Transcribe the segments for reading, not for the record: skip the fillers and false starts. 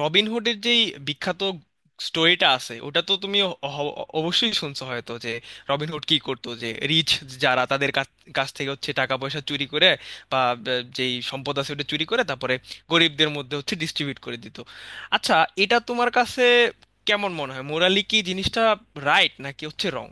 রবিনহুডের যেই বিখ্যাত স্টোরিটা আছে ওটা তো তুমি অবশ্যই শুনছো হয়তো, যে রবিনহুড কি করতো? যে রিচ যারা তাদের কাছ কাছ থেকে হচ্ছে টাকা পয়সা চুরি করে, বা যেই সম্পদ আছে ওটা চুরি করে তারপরে গরিবদের মধ্যে হচ্ছে ডিস্ট্রিবিউট করে দিত। আচ্ছা, এটা তোমার কাছে কেমন মনে হয়? মোরালি কি জিনিসটা রাইট নাকি হচ্ছে রং?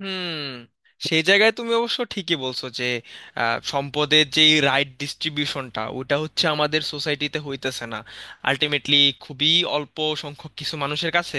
হুম, সেই জায়গায় তুমি অবশ্য ঠিকই বলছো যে সম্পদের যে রাইট ডিস্ট্রিবিউশনটা ওটা হচ্ছে আমাদের সোসাইটিতে হইতেছে না। আলটিমেটলি খুবই অল্প সংখ্যক কিছু মানুষের কাছে,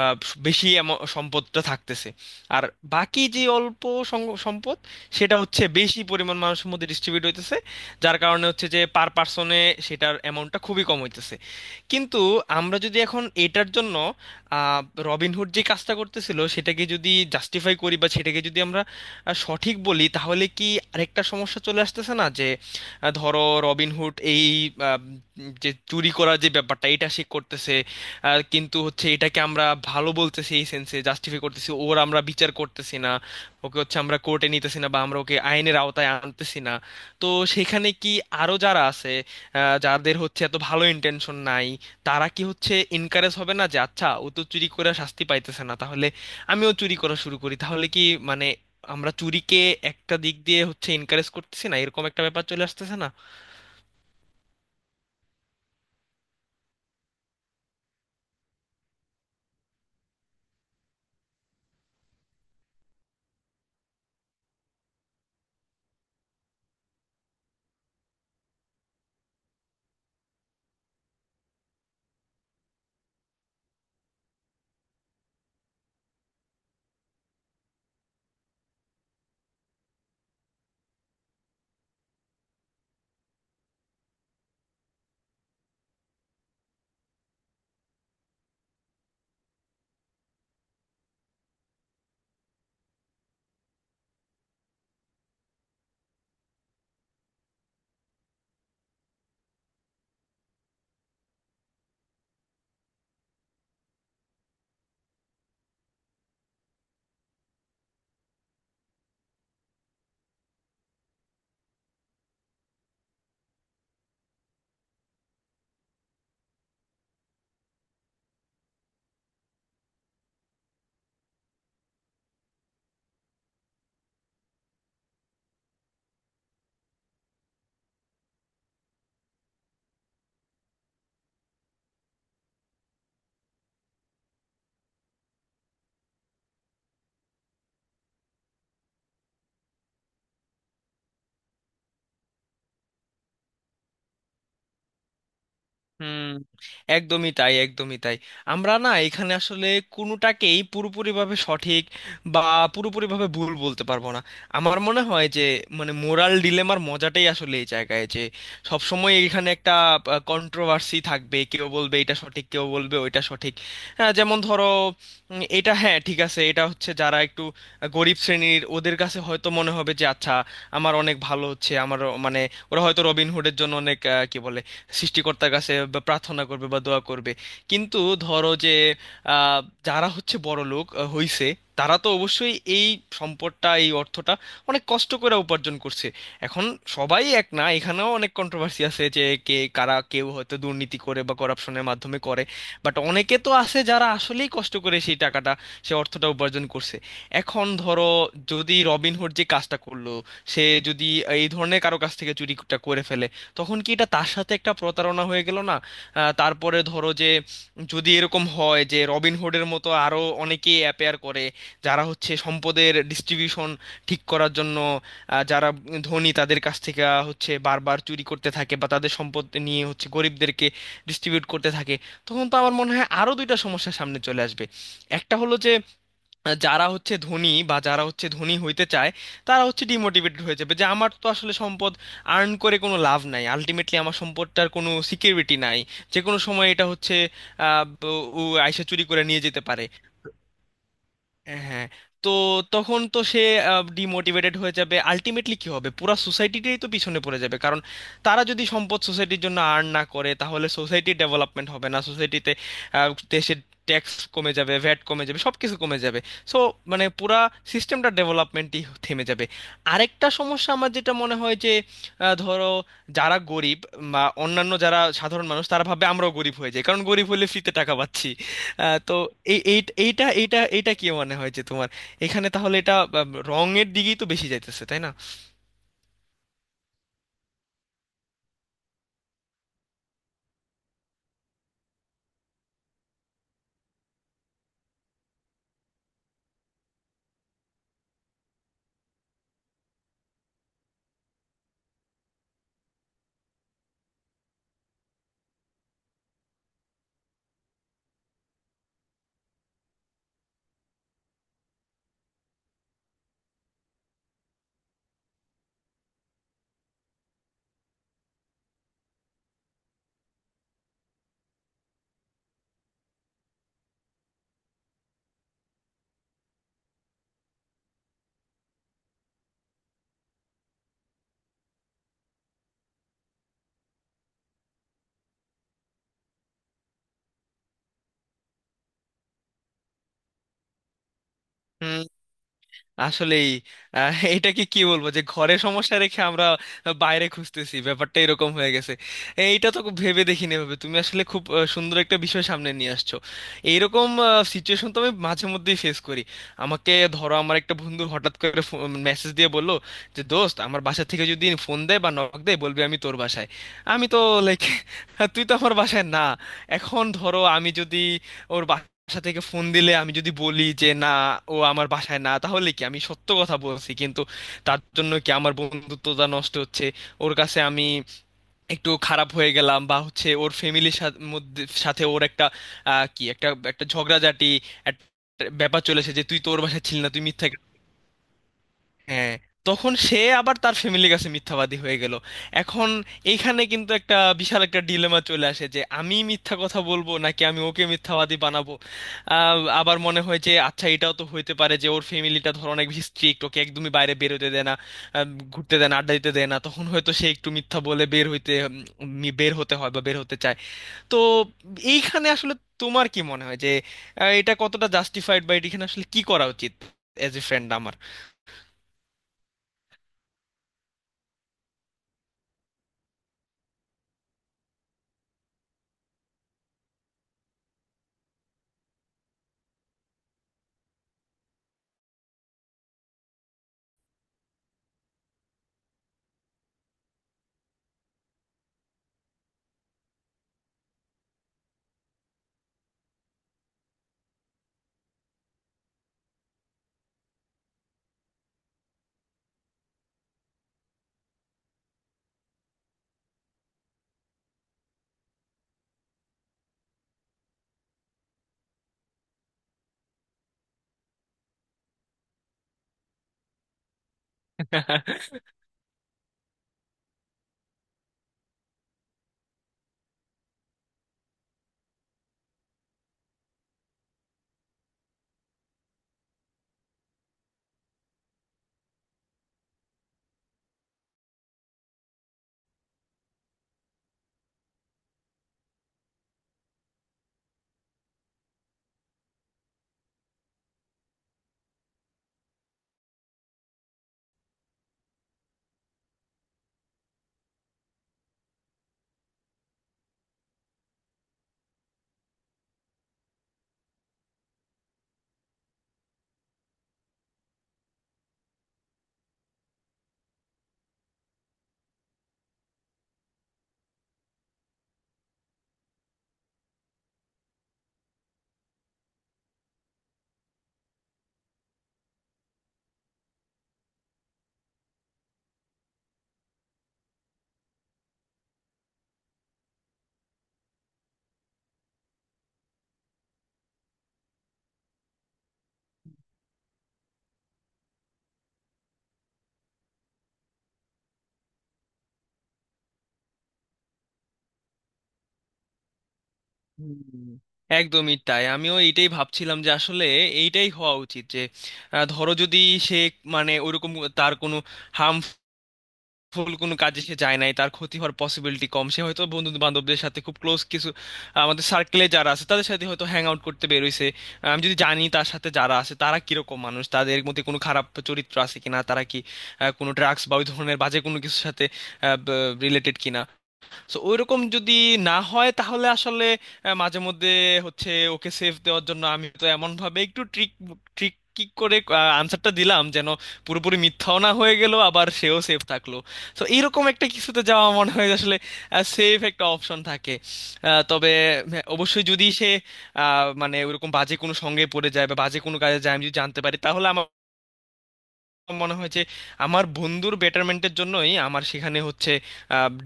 আহ, বেশি সম্পদটা থাকতেছে। আর বাকি যে অল্প সম্পদ, সেটা হচ্ছে বেশি পরিমাণ মানুষের মধ্যে ডিস্ট্রিবিউট হইতেছে, যার কারণে হচ্ছে যে পার পার্সনে সেটার অ্যামাউন্টটা খুবই কম হইতেছে। কিন্তু আমরা যদি এখন এটার জন্য, আহ, রবিনহুড যে কাজটা করতেছিল সেটাকে যদি জাস্টিফাই করি, বা সেটাকে যদি আমরা সঠিক বলি, তাহলে কি আরেকটা সমস্যা চলে আসতেছে না? যে ধরো রবিনহুড এই আহ, যে চুরি করার যে ব্যাপারটা এটা সে করতেছে, কিন্তু হচ্ছে এটাকে আমরা ভালো বলতেছি, এই সেন্সে জাস্টিফাই করতেছি, ওর আমরা বিচার করতেছি না, ওকে হচ্ছে আমরা কোর্টে নিতেছি না, বা আমরা ওকে আইনের আওতায় আনতেছি না। তো সেখানে কি আরো যারা আছে, যাদের হচ্ছে এত ভালো ইন্টেনশন নাই, তারা কি হচ্ছে এনকারেজ হবে না যে আচ্ছা ও তো চুরি করে শাস্তি পাইতেছে না, তাহলে আমিও চুরি করা শুরু করি? তাহলে কি মানে আমরা চুরিকে একটা দিক দিয়ে হচ্ছে এনকারেজ করতেছি না, এরকম একটা ব্যাপার চলে আসতেছে না? হুম, একদমই তাই, একদমই তাই। আমরা না এখানে আসলে কোনোটাকেই পুরোপুরিভাবে সঠিক বা পুরোপুরিভাবে ভুল বলতে পারবো না। আমার মনে হয় যে মানে মোরাল ডিলেমার মজাটাই আসলে এই জায়গায়, যে সবসময় এখানে একটা কন্ট্রোভার্সি থাকবে, কেউ বলবে এটা সঠিক, কেউ বলবে ওইটা সঠিক। হ্যাঁ, যেমন ধরো, এটা হ্যাঁ ঠিক আছে, এটা হচ্ছে যারা একটু গরিব শ্রেণীর, ওদের কাছে হয়তো মনে হবে যে আচ্ছা আমার অনেক ভালো হচ্ছে, আমার মানে ওরা হয়তো রবিনহুডের জন্য অনেক কি বলে সৃষ্টিকর্তার কাছে বা প্রার্থনা করবে বা দোয়া করবে। কিন্তু ধরো যে আহ, যারা হচ্ছে বড় লোক হইছে, তারা তো অবশ্যই এই সম্পদটা, এই অর্থটা অনেক কষ্ট করে উপার্জন করছে। এখন সবাই এক না, এখানেও অনেক কন্ট্রোভার্সি আছে যে কে কারা, কেউ হয়তো দুর্নীতি করে বা করাপশনের মাধ্যমে করে। বাট অনেকে তো আছে যারা আসলেই কষ্ট করে সেই টাকাটা, সে অর্থটা উপার্জন করছে। এখন ধরো যদি রবিনহুড যে কাজটা করলো, সে যদি এই ধরনের কারো কাছ থেকে চুরিটা করে ফেলে, তখন কি এটা তার সাথে একটা প্রতারণা হয়ে গেল না? তারপরে ধরো যে যদি এরকম হয় যে রবিনহুডের মতো আরো অনেকেই অ্যাপেয়ার করে, যারা হচ্ছে সম্পদের ডিস্ট্রিবিউশন ঠিক করার জন্য যারা ধনী তাদের কাছ থেকে হচ্ছে বারবার চুরি করতে থাকে, বা তাদের সম্পদ নিয়ে হচ্ছে গরিবদেরকে ডিস্ট্রিবিউট করতে থাকে, তখন তো আমার মনে হয় আরো দুইটা সমস্যা সামনে চলে আসবে। একটা হলো যে যারা হচ্ছে ধনী, বা যারা হচ্ছে ধনী হইতে চায়, তারা হচ্ছে ডিমোটিভেটেড হয়ে যাবে, যে আমার তো আসলে সম্পদ আর্ন করে কোনো লাভ নাই, আলটিমেটলি আমার সম্পদটার কোনো সিকিউরিটি নাই, যে কোনো সময় এটা হচ্ছে ও আইসা চুরি করে নিয়ে যেতে পারে। হ্যাঁ। তো তখন তো সে ডিমোটিভেটেড হয়ে যাবে, আলটিমেটলি কি হবে, পুরা সোসাইটিটাই তো পিছনে পড়ে যাবে, কারণ তারা যদি সম্পদ সোসাইটির জন্য আর্ন না করে, তাহলে সোসাইটির ডেভেলপমেন্ট হবে না, সোসাইটিতে দেশের ট্যাক্স কমে যাবে, ভ্যাট কমে যাবে, সব কিছু কমে যাবে। সো মানে পুরা সিস্টেমটা ডেভেলপমেন্টই থেমে যাবে। আরেকটা সমস্যা আমার যেটা মনে হয় যে ধরো যারা গরিব বা অন্যান্য যারা সাধারণ মানুষ, তারা ভাবে আমরাও গরিব হয়ে যাই, কারণ গরিব হলে ফ্রিতে টাকা পাচ্ছি। তো এই এই- এইটা এইটা এইটা কি মনে হয় যে তোমার এখানে তাহলে এটা আহ, রঙের দিকেই তো বেশি যাইতেছে, তাই? না, আসলেই এটা কি কি বলবো, যে ঘরে সমস্যা রেখে আমরা বাইরে খুঁজতেছি, ব্যাপারটা এরকম হয়ে গেছে। এইটা তো খুব ভেবে দেখিনি, ভাবে তুমি আসলে খুব সুন্দর একটা বিষয় সামনে নিয়ে আসছো। এইরকম সিচুয়েশন তো আমি মাঝে মধ্যেই ফেস করি। আমাকে ধরো, আমার একটা বন্ধু হঠাৎ করে মেসেজ দিয়ে বললো যে দোস্ত, আমার বাসা থেকে যদি ফোন দেয় বা নক দেয় বলবি আমি তোর বাসায়। আমি তো লাইক তুই তো আমার বাসায় না। এখন ধরো আমি যদি ওর বাসায় বাসা থেকে ফোন দিলে আমি যদি বলি যে না, ও আমার বাসায় না, তাহলে কি আমি সত্য কথা বলছি, কিন্তু তার জন্য কি আমার বন্ধুত্বটা নষ্ট হচ্ছে, ওর কাছে আমি একটু খারাপ হয়ে গেলাম, বা হচ্ছে ওর ফ্যামিলির সাথে, মধ্যে, সাথে ওর একটা কি একটা একটা ঝগড়াঝাটি, একটা ব্যাপার চলেছে যে তুই তোর বাসায় ছিলি না, তুই মিথ্যা। হ্যাঁ, তখন সে আবার তার ফ্যামিলির কাছে মিথ্যাবাদী হয়ে গেল। এখন এইখানে কিন্তু একটা বিশাল একটা ডিলেমা চলে আসে যে আমি মিথ্যা কথা বলবো নাকি আমি ওকে মিথ্যাবাদী বানাবো। আবার মনে হয় যে আচ্ছা, এটাও তো হইতে পারে যে ওর ফ্যামিলিটা ধর অনেক বেশি স্ট্রিক্ট, ওকে একদমই বাইরে বেরোতে দেয় না, আহ, ঘুরতে দেয় না, আড্ডা দিতে দেয় না, তখন হয়তো সে একটু মিথ্যা বলে বের হইতে, বের হতে হয় বা বের হতে চায়। তো এইখানে আসলে তোমার কি মনে হয় যে এটা কতটা জাস্টিফাইড, বা এখানে আসলে কি করা উচিত এজ এ ফ্রেন্ড আমার? হুম, একদমই তাই। আমিও এইটাই ভাবছিলাম যে আসলে এইটাই হওয়া উচিত, যে ধরো যদি সে মানে ওইরকম তার কোনো হার্মফুল কোনো কাজে সে যায় নাই, তার ক্ষতি হওয়ার পসিবিলিটি কম, সে হয়তো বন্ধু বান্ধবদের সাথে, খুব ক্লোজ কিছু আমাদের সার্কেলে যারা আছে তাদের সাথে হয়তো হ্যাং আউট করতে বেরোইছে। আমি যদি জানি তার সাথে যারা আছে তারা কিরকম মানুষ, তাদের মধ্যে কোনো খারাপ চরিত্র আছে কিনা, তারা কি কোনো ড্রাগস বা ওই ধরনের বাজে কোনো কিছুর সাথে রিলেটেড কিনা, সো ওইরকম যদি না হয়, তাহলে আসলে মাঝে মধ্যে হচ্ছে ওকে সেভ দেওয়ার জন্য আমি তো এমন ভাবে একটু ট্রিক ট্রিক কি করে আনসারটা দিলাম, যেন পুরোপুরি মিথ্যাও না হয়ে গেল, আবার সেও সেভ থাকলো। তো এইরকম একটা কিছুতে যাওয়া মনে হয় যে আসলে সেভ একটা অপশন থাকে। তবে হ্যাঁ, অবশ্যই যদি সে মানে ওইরকম বাজে কোনো সঙ্গে পড়ে যায় বা বাজে কোনো কাজে যায়, আমি যদি জানতে পারি, তাহলে আমার মনে হয় যে আমার বন্ধুর বেটারমেন্টের জন্যই আমার সেখানে হচ্ছে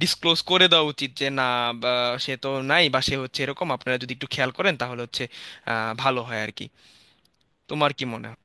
ডিসক্লোজ করে দেওয়া উচিত, যে না, বা সে তো নাই, বা সে হচ্ছে এরকম আপনারা যদি একটু খেয়াল করেন তাহলে হচ্ছে ভালো হয় আর কি। তোমার কি মনে হয়?